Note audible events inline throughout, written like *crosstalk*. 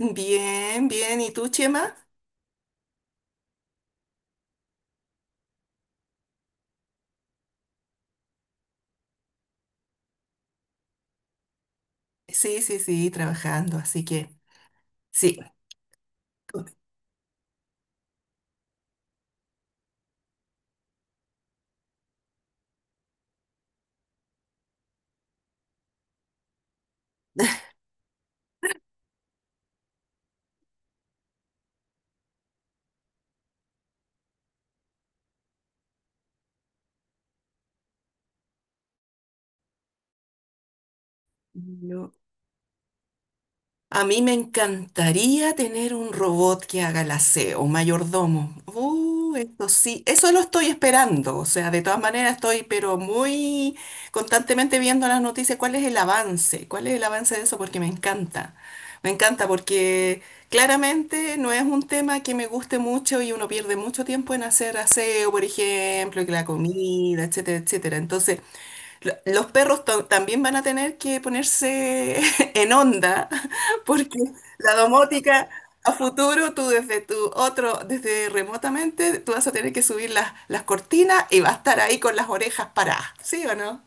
Bien, bien. ¿Y tú, Chema? Sí, sí, sí, trabajando. Así que sí. No. A mí me encantaría tener un robot que haga el aseo, un mayordomo. Eso sí, eso lo estoy esperando. O sea, de todas maneras estoy, pero muy constantemente viendo las noticias, cuál es el avance, cuál es el avance de eso, porque me encanta. Me encanta porque claramente no es un tema que me guste mucho y uno pierde mucho tiempo en hacer aseo, por ejemplo, y que la comida, etcétera, etcétera. Entonces, los perros también van a tener que ponerse *laughs* en onda, porque la domótica a futuro, tú desde tu otro, desde remotamente, tú vas a tener que subir las cortinas y va a estar ahí con las orejas paradas, ¿sí o no?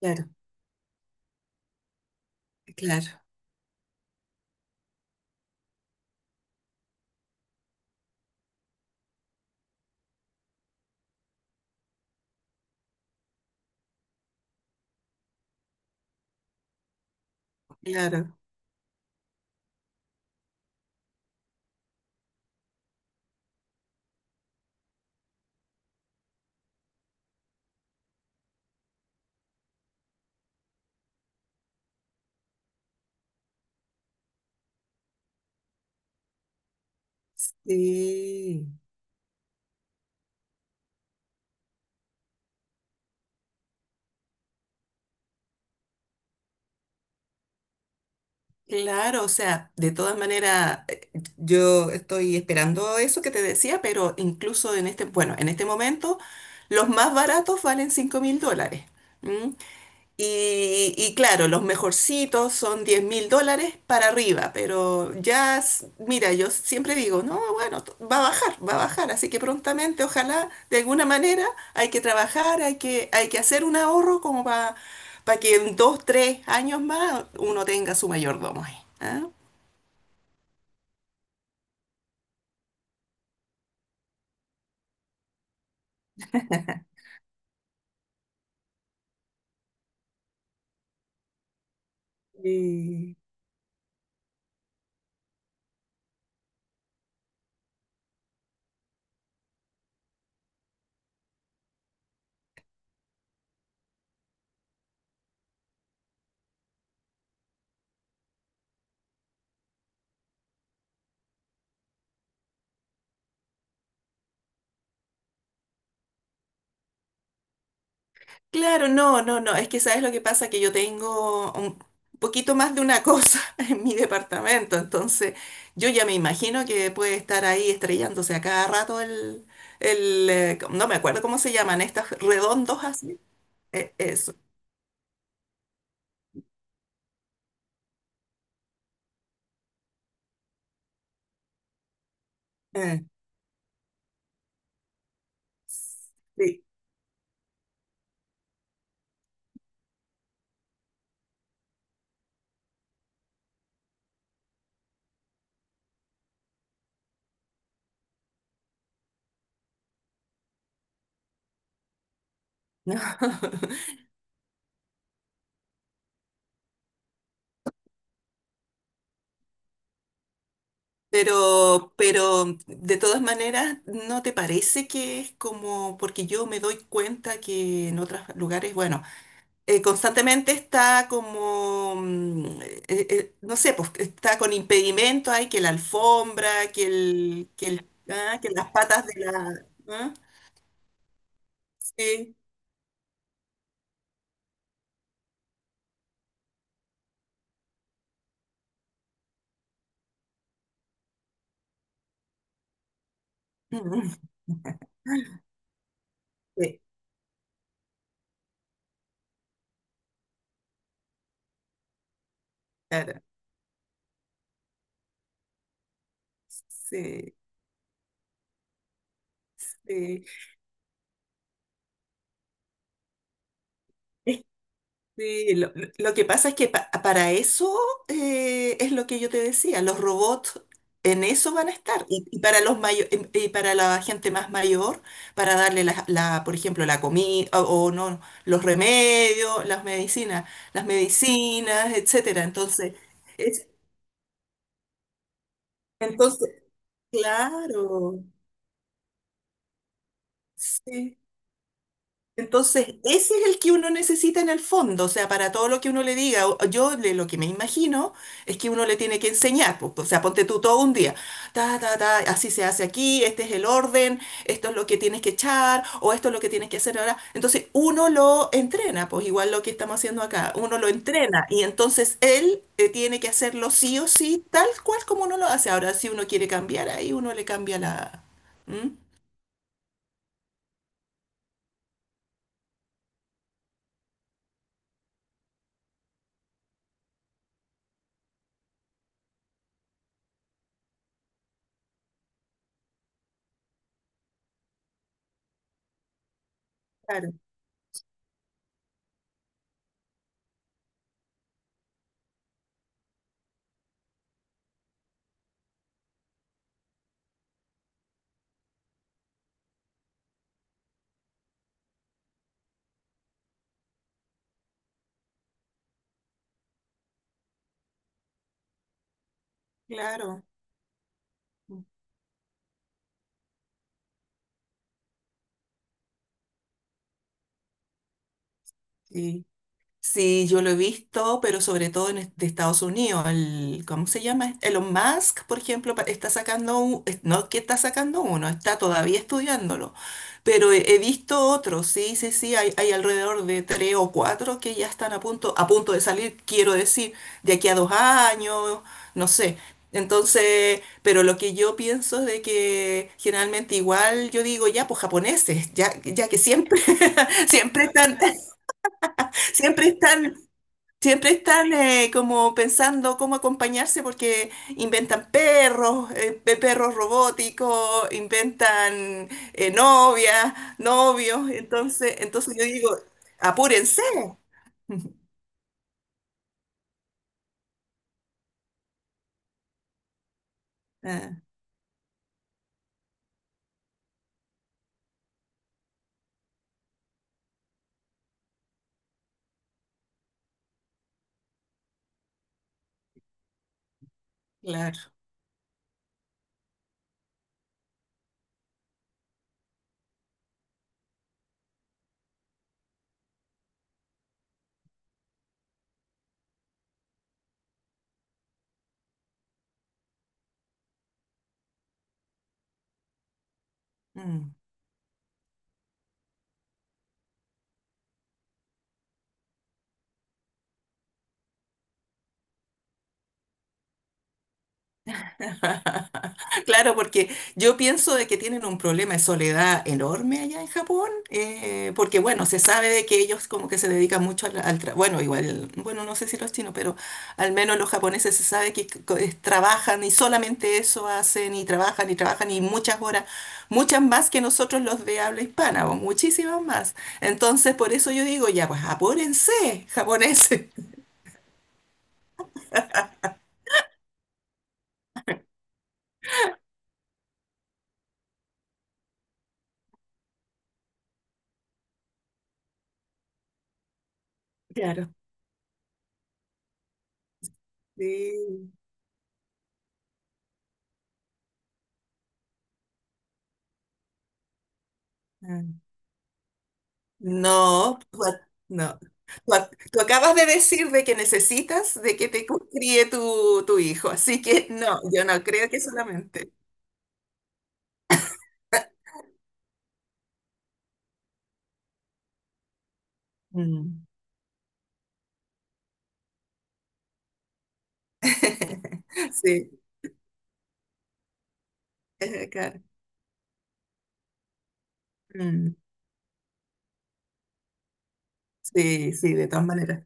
Claro, claro, claro. Sí, claro, o sea, de todas maneras, yo estoy esperando eso que te decía, pero incluso en este, bueno, en este momento, los más baratos valen 5000 dólares. Y claro, los mejorcitos son 10 000 dólares para arriba, pero ya, mira, yo siempre digo, no, bueno, va a bajar, así que prontamente, ojalá, de alguna manera, hay que trabajar, hay que hacer un ahorro como para que en 2, 3 años más uno tenga su mayordomo ahí. ¿Ah? Claro, no, no, no, es que sabes lo que pasa, que yo tengo un poquito más de una cosa *laughs* en mi departamento, entonces yo ya me imagino que puede estar ahí estrellándose a cada rato el, no me acuerdo cómo se llaman, estas redondos así, eso, eh, sí. *laughs* Pero de todas maneras, ¿no te parece que es como? Porque yo me doy cuenta que en otros lugares, bueno, constantemente está como, no sé, pues está con impedimento, hay que la alfombra, que las patas de la... ah. Sí. *laughs* Sí, claro, sí, sí. Sí, lo que pasa es que para eso es lo que yo te decía, los robots en eso van a estar. Y para los mayo- em- y para la gente más mayor, para darle la, por ejemplo, la comida o no, los remedios, las medicinas, etcétera. Entonces, es, entonces, claro, sí. Entonces, ese es el que uno necesita en el fondo, o sea, para todo lo que uno le diga, yo lo que me imagino es que uno le tiene que enseñar, pues o sea, ponte tú todo un día, ta, ta, ta, así se hace aquí, este es el orden, esto es lo que tienes que echar, o esto es lo que tienes que hacer ahora. Entonces, uno lo entrena, pues igual lo que estamos haciendo acá, uno lo entrena y entonces él tiene que hacerlo sí o sí, tal cual como uno lo hace. Ahora, si uno quiere cambiar, ahí uno le cambia la... ¿Mm? Claro, claro. Sí. Sí, yo lo he visto, pero sobre todo en de Estados Unidos. El, ¿cómo se llama? Elon Musk, por ejemplo, está sacando un, no que está sacando uno, está todavía estudiándolo. Pero he visto otros, sí, sí, sí, hay alrededor de tres o cuatro que ya están a punto de salir, quiero decir, de aquí a 2 años, no sé. Entonces, pero lo que yo pienso es de que generalmente igual yo digo, ya, pues japoneses, ya, ya que siempre, *laughs* siempre están, siempre están Siempre están como pensando cómo acompañarse porque inventan perros, perros robóticos, inventan novias, novios. Entonces yo digo, apúrense. *laughs* Ah, claro. Mm. *laughs* Claro, porque yo pienso de que tienen un problema de soledad enorme allá en Japón, porque bueno, se sabe de que ellos como que se dedican mucho al, bueno, igual, bueno, no sé si los chinos, pero al menos los japoneses se sabe que trabajan y solamente eso hacen y trabajan y trabajan y muchas horas, muchas más que nosotros los de habla hispana, o muchísimas más. Entonces, por eso yo digo, ya, pues apúrense, japoneses. *laughs* Claro. Sí. Ah. No, no. Tú acabas de decir de que necesitas de que te críe tu hijo, así que no, yo no creo que solamente. Mm. *laughs* Sí, claro. Mm. Sí, sí, de todas maneras.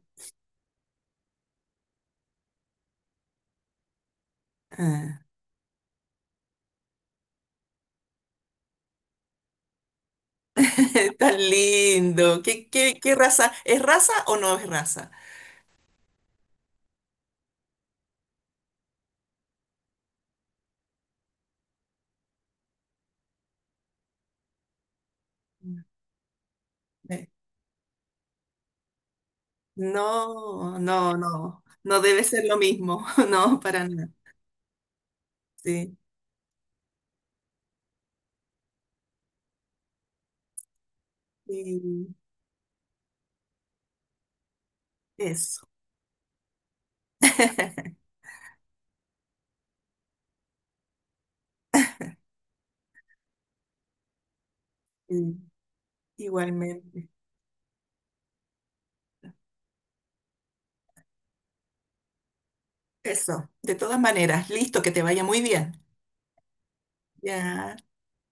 Ah. *laughs* Tan lindo. ¿Qué, qué, qué raza? ¿Es raza o no es raza? Mm. Eh, No, no, no. No debe ser lo mismo. *laughs* No, para nada. Sí, sí, eso. *laughs* Mm. Igualmente. Eso. De todas maneras, listo, que te vaya muy bien. Ya.